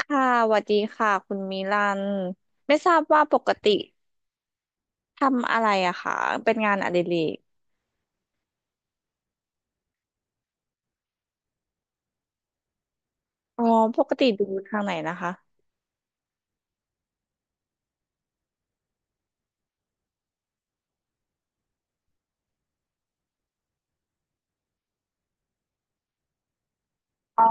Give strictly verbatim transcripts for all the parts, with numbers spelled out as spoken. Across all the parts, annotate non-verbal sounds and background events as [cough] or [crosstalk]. ค่ะสวัสดีค่ะคุณมิลันไม่ทราบว่าปกติทำอะไรอะคะเป็นงานอดิเรกอ๋อปกติดูทางไหนนะคะอ๋อ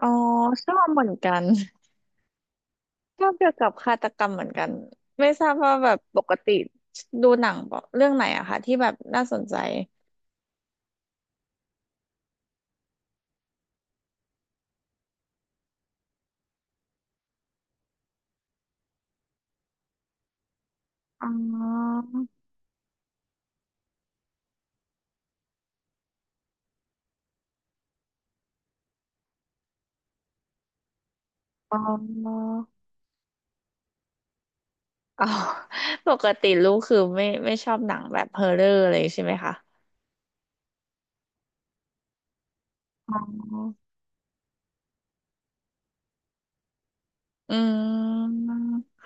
อ๋อชอบเหมือนกัน [laughs] ชอบเกี่ยวกับฆาตกรรมเหมือนกันไม่ทราบว่าแบบปกติดูหนังเรื่องไหนอะคะที่แบบน่าสนใจอ๋ออ๋ออ๋อ [laughs] ปกติลูกคือไม่ไม่ชอบหนังแบบเฮอร์เรอร์เลยใช่ไหมคะอ๋อ อื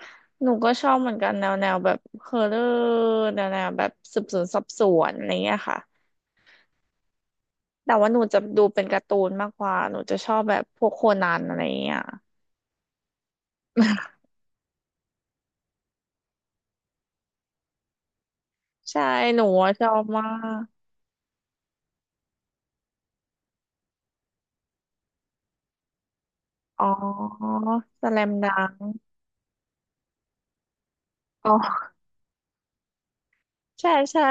มหนูก็ชอบเหมือนกันแนวแนวแบบฮอร์เรอร์แนวแนวแบบสืบสวนสอบสวนอะไรเงี้ยค่ะแต่ว่าหนูจะดูเป็นการ์ตูนมากกว่าหนูจะชอบแบบพวกโคนันอะไรเงี้ย [laughs] ใช่หนูอะชอบมากอ๋อสแลมดังอ๋อใช่ใช่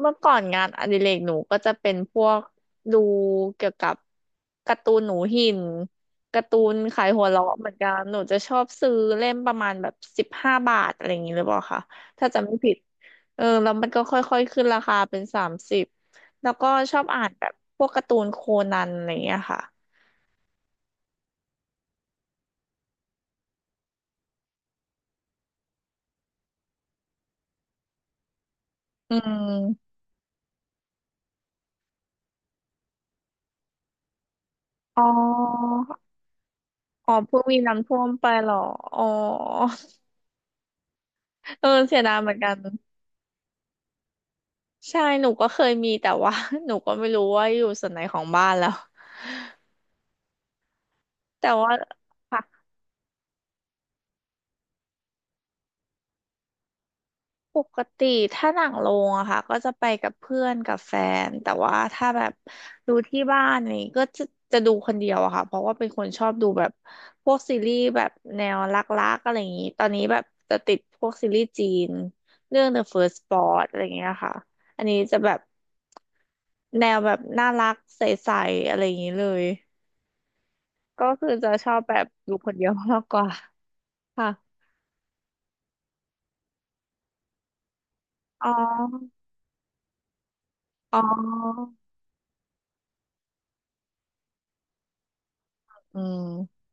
เมื่อก่อนงานอดิเรกหนูก็จะเป็นพวกดูเกี่ยวกับการ์ตูนหนูหินการ์ตูนขายหัวเราะเหมือนกันหนูจะชอบซื้อเล่มประมาณแบบสิบห้าบาทอะไรอย่างนี้หรือเปล่าคะถ้าจำไม่ผิดเออแล้วมันก็ค่อยๆขึ้นราคาเป็นสามสิบแล้วก็ชอบอ่านแบบพวกการ์ตูนโคนันอะไรอย่างเงี้ยค่ะอืมอ๋ออ๋อเพิ่งมีน้ำท่วมไปเหรออ๋อเออเสียดายเหมือนกัน ใช่หนูก็เคยมีแต่ว่า [laughs] หนูก็ไม่รู้ว่าอยู่ส่วนไหนของบ้านแล้ว [laughs] แต่ว่าค่ะปกติถ้าหนังโรงอะค่ะก็จะไปกับเพื่อนกับแฟน แต่ว่าถ้าแบบดูที่บ้านนี่ก็จะจะดูคนเดียวอะค่ะเพราะว่าเป็นคนชอบดูแบบพวกซีรีส์แบบแนวรักๆอะไรอย่างนี้ ตอนนี้แบบจะติดพวกซีรีส์จีนเรื่อง The First Spot อะไรอย่างเงี้ยค่ะ อันนี้จะแบบแนวแบบน่ารักใสๆอะไรอย่างนี้เลย ก็คือจะชอบแบบดูคนเดียวมากกว่าค่ะอ๋ออ๋ออืม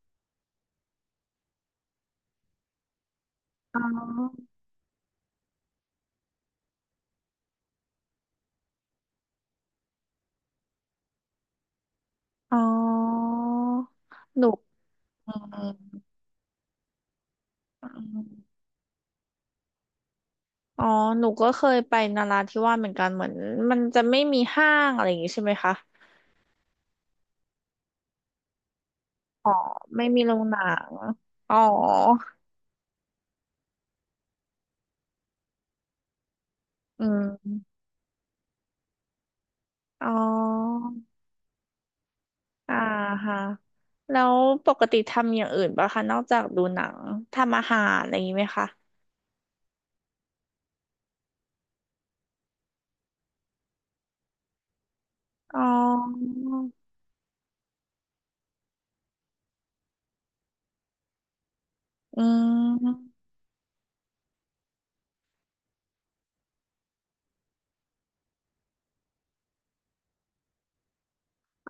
อ๋ออ๋อหนูอืมอืมอ๋อหนูก็เคยไปนราธิวาสเหมือนกันเหมือนมันจะไม่มีห้างอะไรอย่างงี้ใช่ไหมคะอ๋อไม่มีโรงหนังอ๋ออืมอ๋ออ่าฮะแล้วปกติทำอย่างอื่นป่ะคะนอกจากดูหนังทำอาหารอะไรอย่างงี้ไหมคะอ๋อ อืม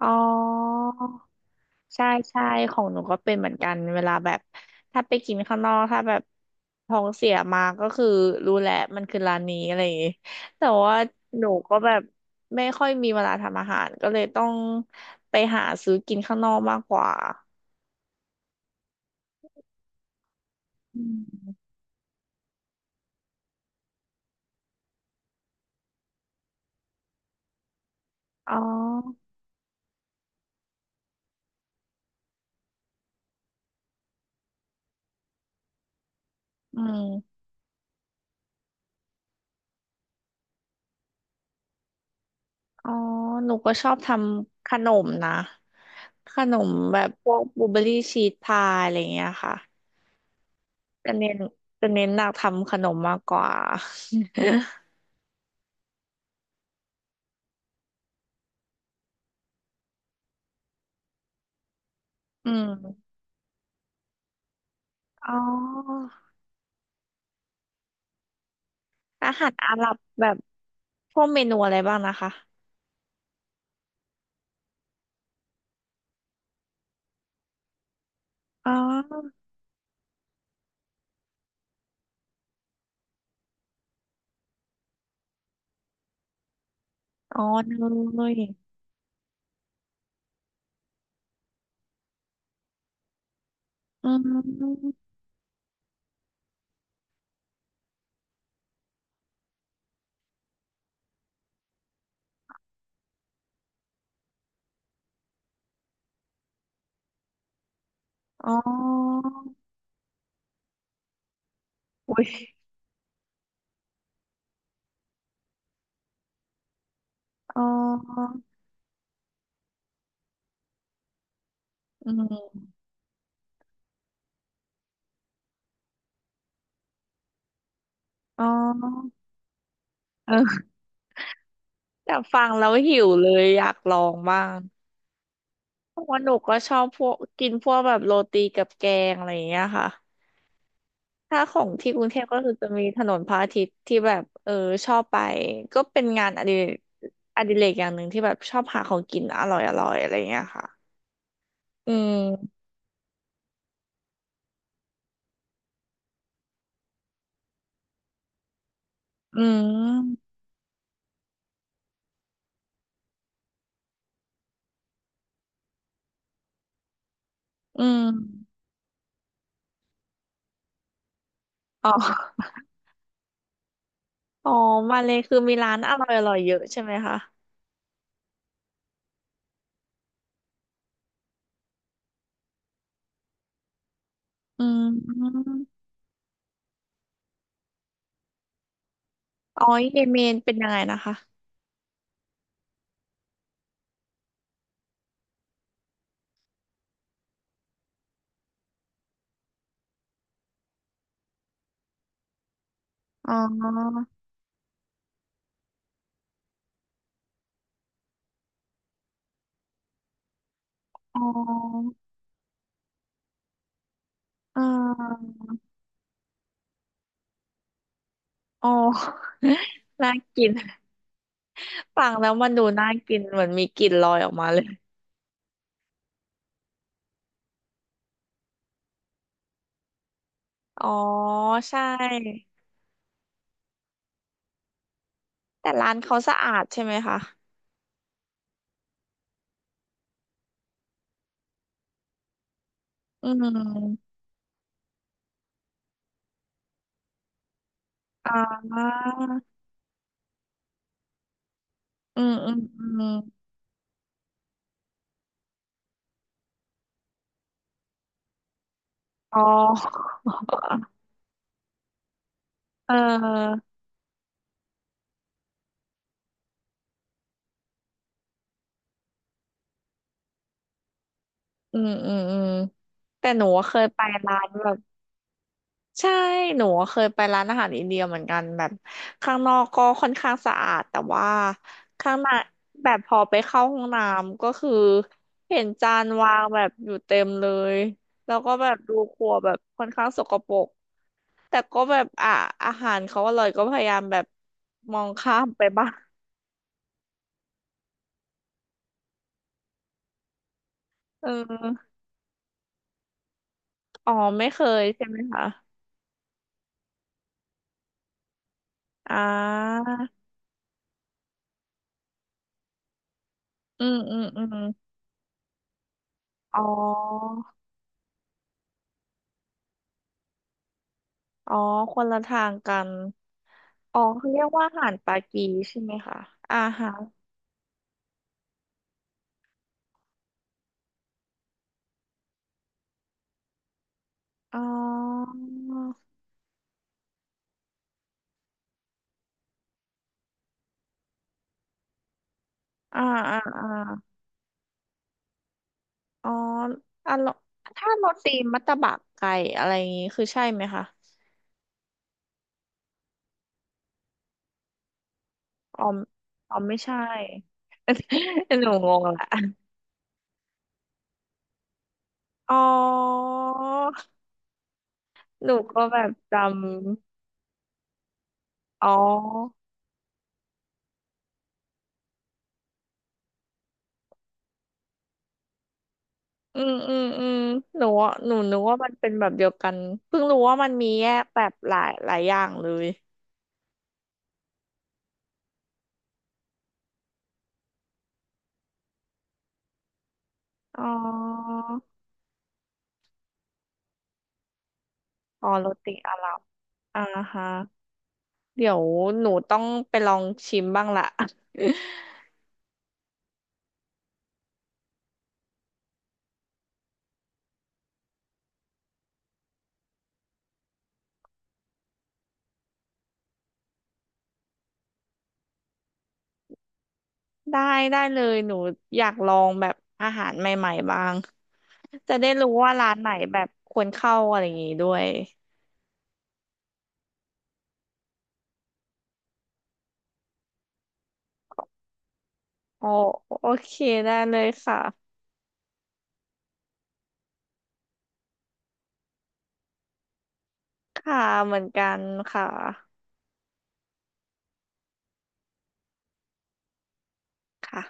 อ๋อใช่ใช่ของหนูก็เป็นเหมือนกันเวลาแบบ ถ้าไปกินข้างนอก ถ้าแบบท้องเสียมาก็คือรู้แหละ มันคือร้านนี้อะไรอย่างงี้ แต่ว่าหนูก็แบบไม่ค่อยมีเวลาทำอาหาร ก็เลยต้องไปหาซื้อกินข้างนอกมากกว่าอืมอ๋ออืมอ๋อหนูก็ชอบทำขนมนะขนมแบบพวกบลูเบอรี่ชีสพายอะไรอย่างเงี้ยค่ะ จะเน้นจะเน้นหนักทำขนมมากกว่า [laughs] อืมอ๋ออาหารอาหรับแบบพวกเมนูอะไรบ้างนะคะอ๋ออ๋อเนยอืมอ๋ออุ้ยอ๋ออืมอ๋อเออแต่ฟังแล้วหิวเลยอยากลองบ้างเพราะว่าหนูก็ชอบพวกกินพวกแบบโรตีกับแกงอะไรอย่างเงี้ยค่ะ ถ้าของที่กรุงเทพก็คือจะมีถนนพระอาทิตย์ที่แบบเออชอบไปก็เป็นงานอดิเรกอดิเรกอย่างหนึ่งที่แบบชอบหาของกินอร่อยอร่อยอะไรอย่างเงี้ยค่ะอืมอืมอืมอ๋ออ๋อมาเลยคือมีร้านอร่อยอร่อยเยอะใช่ไหมคะอืมอ๋อเยเมนเป็นยังไงนะคะอ๋ออ๋ออ๋ออ๋อ [laughs] น่ากินฟังแล้วมันดูน่ากินเหมือนมีกลิ่นลอยออกมาเลย อ๋อใช่แต่ร้านเขาสะอาดใช่ไหมคะอืมอ่าอืมอืมอืมอ๋อเอออืมอืมอืมแต่หนูเคยไปร้านแบบใช่หนูเคยไปร้านอาหารอินเดียเหมือนกันแบบข้างนอกก็ค่อนข้างสะอาดแต่ว่าข้างในแบบพอไปเข้าห้องน้ำก็คือเห็นจานวางแบบอยู่เต็มเลยแล้วก็แบบดูครัวแบบค่อนข้างสกปรก แต่ก็แบบอ่ะอาหารเขาอร่อยก็พยายามแบบมองข้ามไปบ้างเอออ๋อไม่เคยใช่ไหมคะอ่าอืมอืมอืมอ๋ออ๋อคนละทางกันอ๋อเขาเรียกว่าอาหารปากีใช่ไหมคะอาหารอ๋ออ่าอ่าอ่าอ๋ออ่ะโรถ้าโรตีมัตตบะไก่อะไรอย่างงี้คือใช่ไหมคะอ๋ออ๋อไม่ใช่ [laughs] หนูงงละอ๋อ หนูก็แบบจำอ๋ออืมอืมอืมหนูอะหนูนึกว่ามันเป็นแบบเดียวกันเพิ่งรู้ว่ามันมีแยกแบบหลายหลายอย่างเลยอ๋ออ๋อโรตีอาหรับอ่าฮะเดี๋ยวหนูต้องไปลองชิมบ้างละ [laughs] ได้ได้เลยหนูอยากลองแบบอาหารใหม่ๆบ้างจะได้รู้ว่าร้านไหนแบบควรเข้าอะไรอย่างงี้ด้วยโอโอเคได้เลยค่ะค่ะเหมือนกันค่ะ ค่ะ